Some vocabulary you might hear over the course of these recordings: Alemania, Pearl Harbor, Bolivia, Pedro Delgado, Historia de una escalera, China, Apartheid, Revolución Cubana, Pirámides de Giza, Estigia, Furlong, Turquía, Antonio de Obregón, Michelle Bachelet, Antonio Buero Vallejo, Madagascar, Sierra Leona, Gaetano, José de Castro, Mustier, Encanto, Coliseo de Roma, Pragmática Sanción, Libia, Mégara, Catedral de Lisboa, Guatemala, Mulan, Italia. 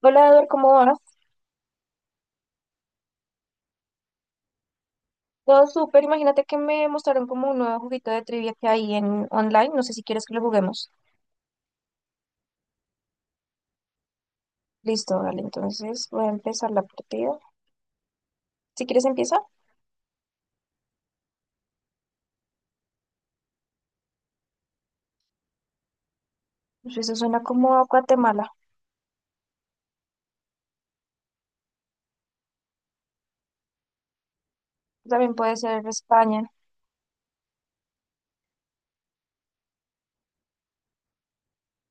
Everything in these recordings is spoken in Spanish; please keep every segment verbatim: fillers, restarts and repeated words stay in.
Hola, Eduardo, ¿cómo vas? Todo súper. Imagínate que me mostraron como un nuevo juguito de trivia que hay en online. No sé si quieres que lo juguemos. Listo, vale. Entonces voy a empezar la partida. Si quieres, empieza. Pues eso suena como a Guatemala. También puede ser España.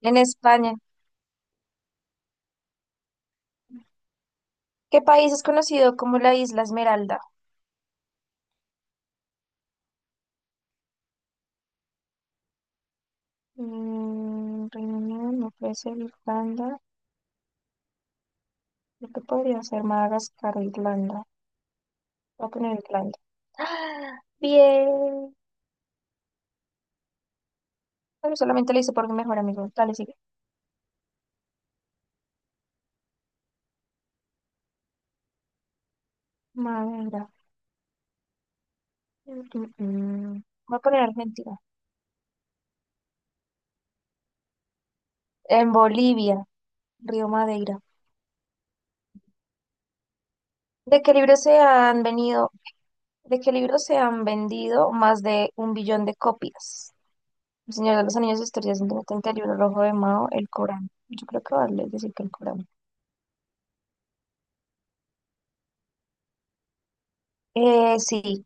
En España. ¿Qué país es conocido como la Isla Esmeralda? Mm, Reino Unido, no puede ser Irlanda. Creo que podría ser Madagascar o Irlanda. Voy a poner Irlanda. ¡Ah! Bien. Bueno, solamente lo hice por mi mejor amigo. Dale, sigue. Madera. Mm, mm, mm. Voy a poner Argentina. En Bolivia, Río Madeira. ¿De qué libro se han venido, de qué libro se han vendido más de un billón de copias? El Señor de los Anillos, Historia de el Libro Rojo de Mao, El Corán. Yo creo que vale decir que el Corán. Eh, sí,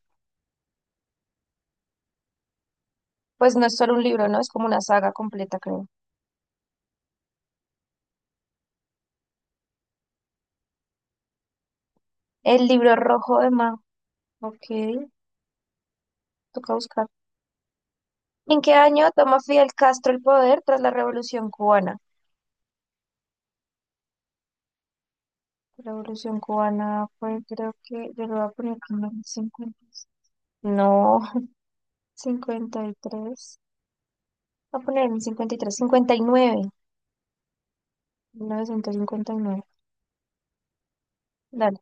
pues no es solo un libro, ¿no? Es como una saga completa, creo. El Libro Rojo de Mao. Ok, toca buscar. ¿En qué año toma Fidel Castro el poder tras la Revolución Cubana? La Revolución Cubana fue, creo que, yo lo voy a poner como en cincuenta. No, cincuenta y tres. Voy a poner en cincuenta y tres, cincuenta y nueve. Mil novecientos cincuenta y nueve. Dale.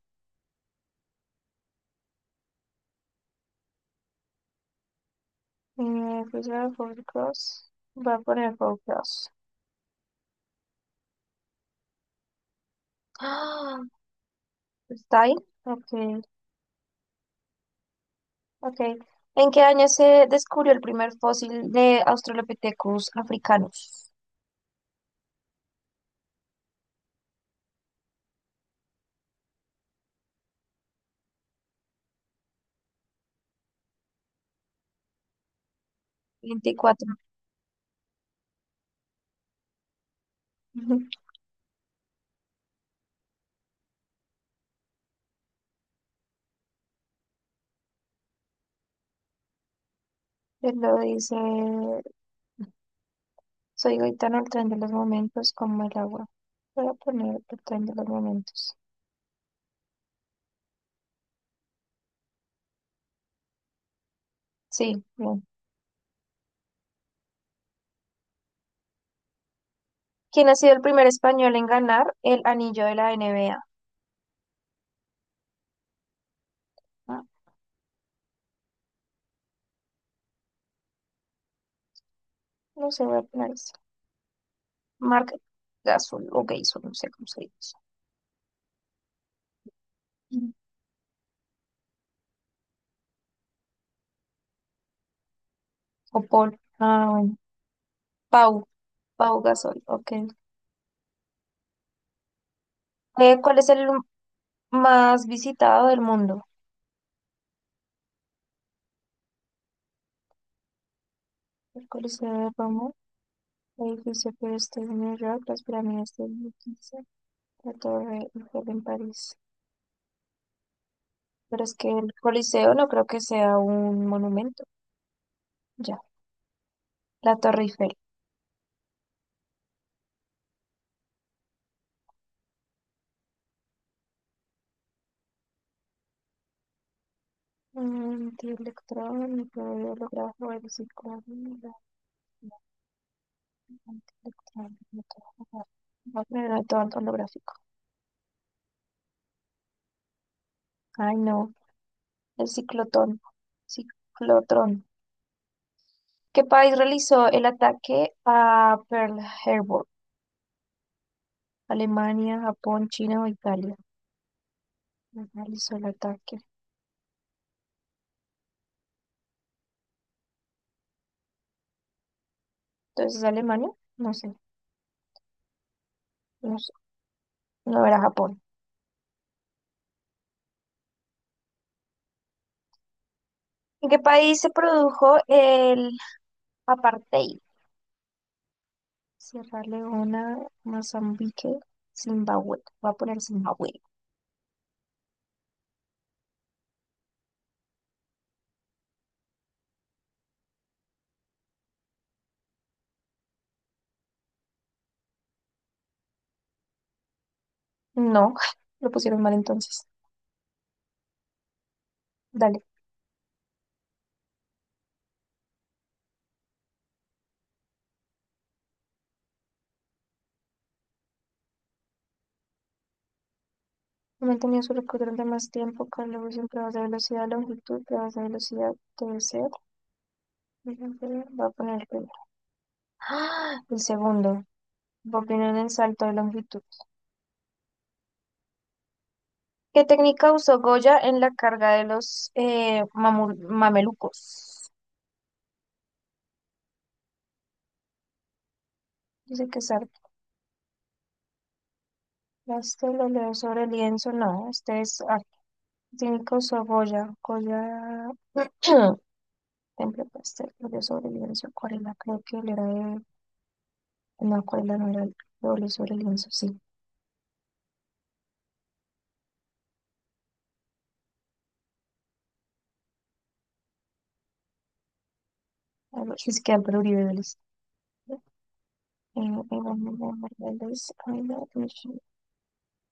Eh, pues voy a poner Cross. Voy a poner Four Cross. ¡Ah! ¿Está ahí? Ok, ok. ¿En qué año se descubrió el primer fósil de Australopithecus africanos? Veinticuatro. Te lo dice. Soy Gaetano, el tren de los momentos, como el agua. Voy a poner el tren de los momentos. Sí, bien. ¿Quién ha sido el primer español en ganar el anillo de la N B A? Ah, no sé, voy a poner eso. Marc Gasol o Gasol, no sé cómo se dice. Mm. O Paul. Ah, bueno. Pau, Pau Gasol, ok. Eh, ¿cuál es el más visitado del mundo? El Coliseo de Roma, el edificio que está en Nueva York, las pirámides de Giza, la Torre Eiffel en París. Pero es que el Coliseo no creo que sea un monumento. Ya. La Torre Eiffel. Mm, Antielectrónico, holografo, el psicólogo, antielectrónico, holográfico, holográfico. Ay, no. El ciclotón. Ciclotrón. ¿Qué país realizó el ataque a Pearl Harbor? Alemania, Japón, China o Italia. Realizó el ataque. Entonces, ¿Alemania? No sé. No sé. No era Japón. ¿En qué país se produjo el Apartheid, Sierra Leona, Mozambique, Zimbabue. Voy a poner Zimbabue. No, lo pusieron mal entonces. Dale. No mantenía su récord durante más tiempo con la en pruebas de velocidad, longitud, pruebas de velocidad, debe ser. Voy a poner el primero. ¡Ah! El segundo. Voy a poner el salto de longitud. ¿Qué técnica usó Goya en la carga de los eh, mamu- mamelucos? Dice que es arte. Las que lo leo sobre el lienzo, no. Este es Cinco, Saboya, Goya, Temple Pastel, óleo sobre lienzo, acuarela, creo que él era de, no, acuarela no era de óleo sobre lienzo, sí, Algo- es que Álvaro Uribe Vélez. Eh, Eva María Morales, Ayla, Michelle,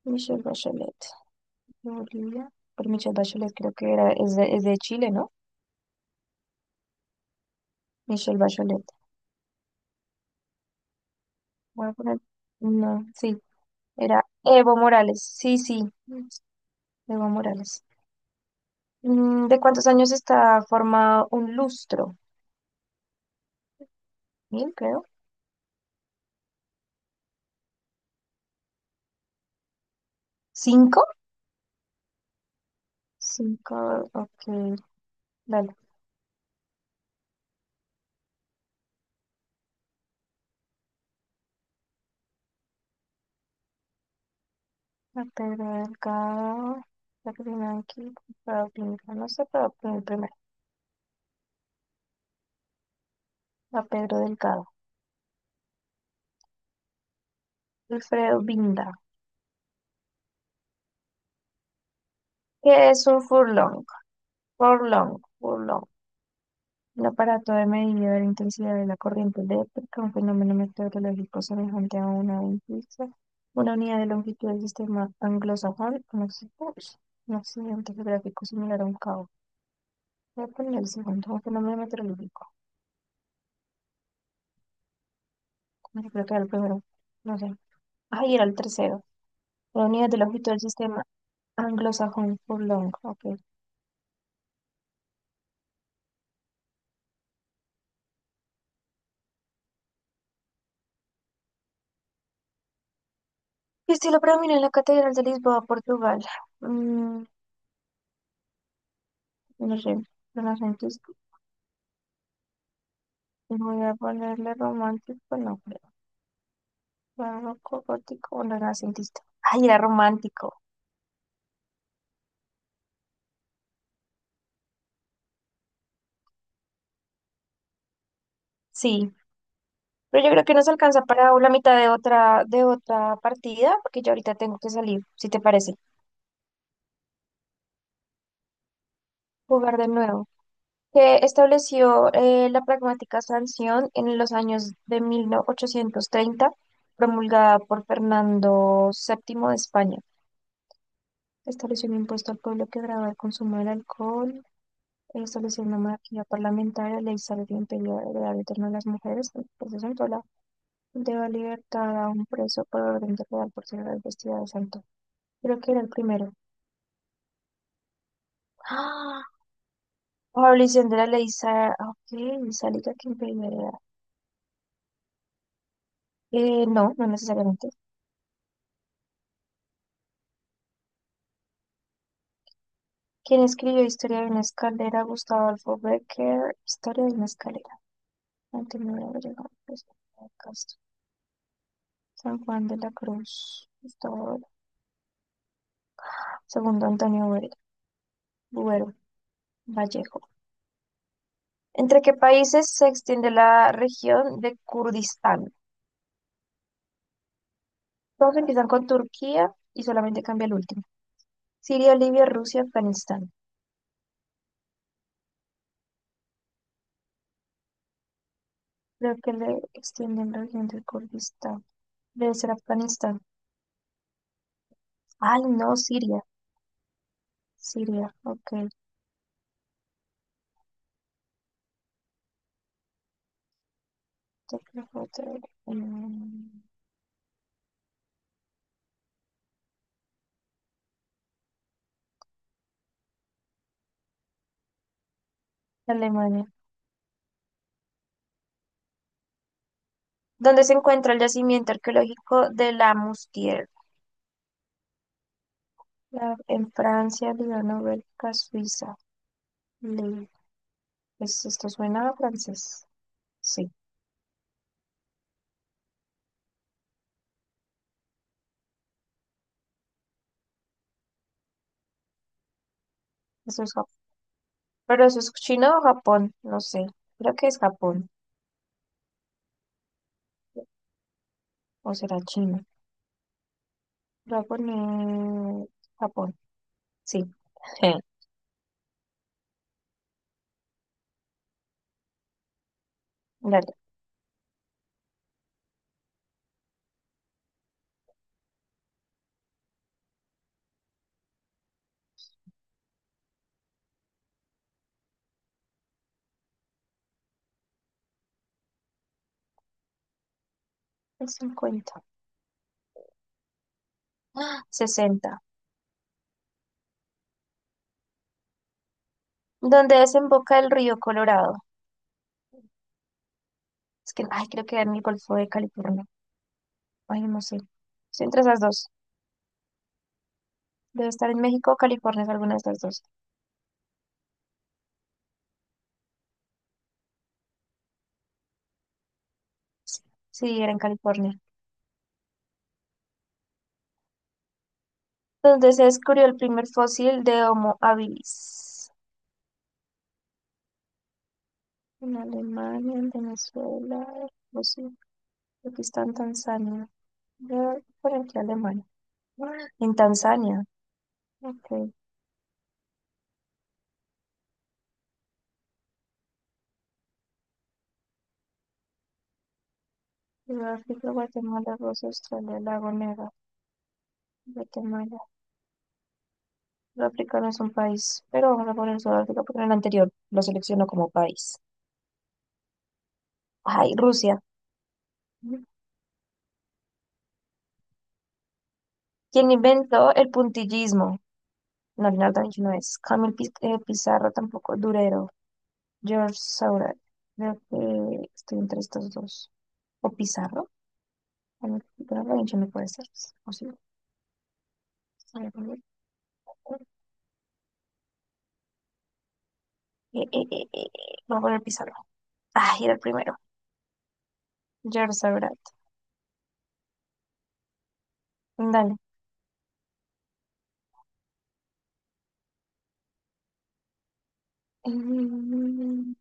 Michelle Bachelet, de Bolivia, pero Michelle Bachelet creo que era, es de, es de Chile, ¿no? Michelle Bachelet, voy a poner, no, sí, era Evo Morales, sí, sí, Evo Morales. Mm, ¿De cuántos años está formado un lustro? Mil, creo. ¿Cinco? Cinco, ok. Dale. La Pedro Delgado. La primera aquí. Alfredo Binda. No sé, pero pon el primero. La Pedro Delgado. Alfredo Binda. ¿Qué es un furlong? Furlong. Furlong. Un aparato de medida de la intensidad de la corriente eléctrica, un fenómeno meteorológico semejante a una ventisca, una unidad de longitud del sistema anglosajón, un accidente un accidente geográfico similar a un cabo. Voy a poner el segundo, un fenómeno meteorológico. Bueno, creo que era el primero. No sé. Ay, era el tercero. La unidad del ojito del sistema anglosajón. Furlong. Ok. Y estilo predomina en la Catedral de Lisboa, Portugal? Mm, no sé. Renacentista. Voy a ponerle romántico. No creo. Barroco, gótico o renacentista. Ay, era romántico. Sí. Pero yo creo que nos alcanza para la mitad de otra, de otra partida, porque yo ahorita tengo que salir, si te parece. Jugar de nuevo. Que estableció eh, la pragmática sanción en los años de mil ochocientos treinta, promulgada por Fernando séptimo de España. Estableció un impuesto al pueblo que grababa el consumo del alcohol, eh, estableció una monarquía parlamentaria, ley salario imperial, heredad eterna de las mujeres, el proceso en Tola, deba libertad a un preso por orden de real por ser vestida de santo. Creo que era el primero. ¡Ah! Abolición de la ley sa- ah, ok, sálica que impedía la. Eh, no, no necesariamente. Quien escribió Historia de una escalera? Gustavo Adolfo Becker. Historia de una escalera. Antonio de Obregón. José de Castro. San Juan de la Cruz. Gustavo Adolfo. Segundo Antonio Buero. Buero, Vallejo. ¿Entre qué países se extiende la región de Kurdistán? Todos empiezan con Turquía y solamente cambia el último. Siria, Libia, Rusia, Afganistán. Creo que le extienden la región de Kurdistán. Debe ser Afganistán. Ay, no, Siria. Siria, ok. Mm, Alemania, donde se encuentra el yacimiento arqueológico de la Mustier, La- en Francia, Líbano, Bélgica, Suiza. Le- Pues esto suena a francés. Sí, eso es Japón. Pero eso es China o Japón, no sé. Creo que es Japón, o será China. Voy a poner Japón, sí. Sí. Dale, el cincuenta. ¡Ah! sesenta. ¿Dónde desemboca el río Colorado? Es que, ay, creo que era en el Golfo de California. Ay, no sé. Estoy entre esas dos. Debe estar en México o California, es alguna de estas dos. Sí, era en California. Donde se descubrió el primer fósil de Homo habilis. En Alemania, en Venezuela, no sé. Aquí está en Tanzania. Voy por aquí Alemania. En Tanzania. Ok. Sudáfrica, Guatemala, Rusia, Australia, Lago Nega, Guatemala. Sudáfrica no es un país, pero vamos a poner Sudáfrica porque en el anterior lo selecciono como país. Ay, Rusia. Quien inventó el puntillismo. No, Leonardo da Vinci no es. Camil Piz- eh, Pizarro tampoco. Durero. George Seurat. Creo que estoy entre estos dos. ¿O Pizarro? Camil Pizarro, Da Vinci no puede ser. ¿O sí? Sale con él. Eh, eh, eh, eh, eh, Voy a poner Pizarro. Ah, era el primero. George Seurat. Dale. Mm,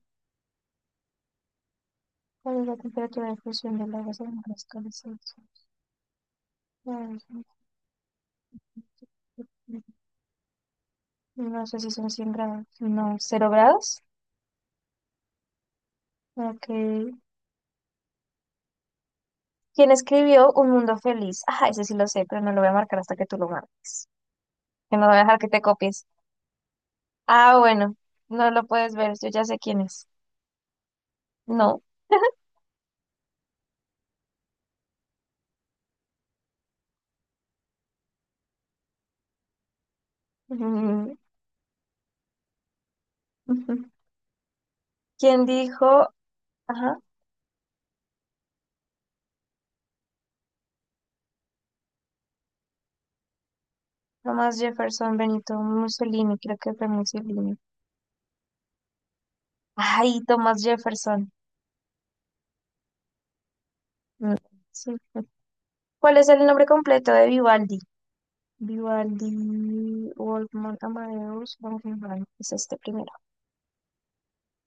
¿Cuál es la temperatura de fusión del agua sobre las cabezas? No sé si son cien grados. No, cero grados? Ok. Quién escribió Un Mundo Feliz. Ajá, ese sí lo sé, pero no lo voy a marcar hasta que tú lo marques. Que no voy a dejar que te copies. Ah, bueno, no lo puedes ver, yo ya sé quién es. No. Mm, ujú. ¿Quién dijo? Ajá, Thomas Jefferson, Benito Mussolini, creo que fue Mussolini. Ay, Thomas Jefferson. Mm, sí. Sí. ¿Cuál es el nombre completo de Vivaldi? Vivaldi, Wolfgang Amadeus, Wolfgang, es este primero.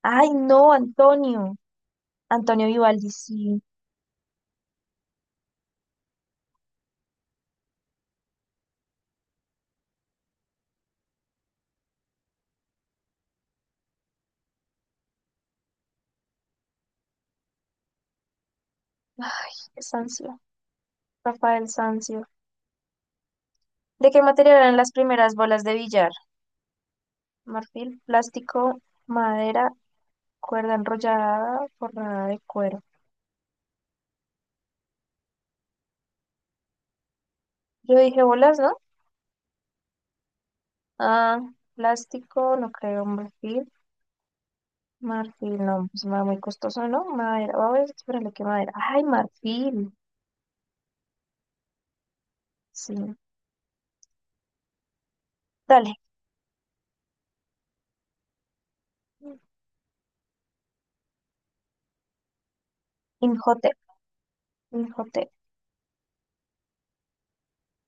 Ay, no, Antonio. Antonio Vivaldi, sí. Ay, Sancio, Rafael Sancio. ¿De qué material eran las primeras bolas de billar? Marfil, plástico, madera, cuerda enrollada, forrada de cuero. Yo dije bolas, ¿no? Ah, plástico, no creo, marfil. Marfil, no, pues me va muy costoso, ¿no? Madera, a ver, espérale, ¿qué madera? Ay, marfil, sí. Dale, Injote,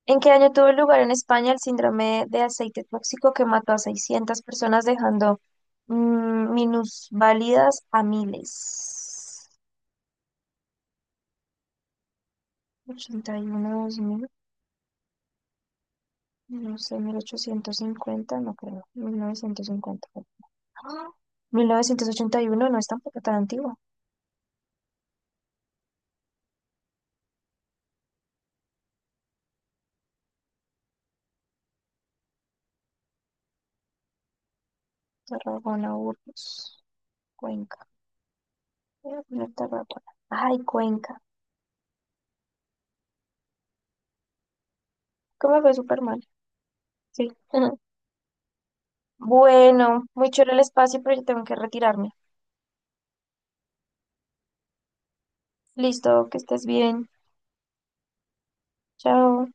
¿En qué año tuvo lugar en España el síndrome de aceite tóxico que mató a seiscientas personas dejando mm, minusválidas a miles? Ochenta y uno dos mil, no sé, mil ochocientos cincuenta no creo, mil novecientos fue. ¡Ah! Mil novecientos ochenta y uno no es tampoco tan antiguo. Tarragona, Burgos, Cuenca. Voy a poner Tarragona. Ay, Cuenca. ¿Cómo fue Superman? Sí. Bueno, muy chévere el espacio, pero yo tengo que retirarme. Listo, que estés bien. Chao.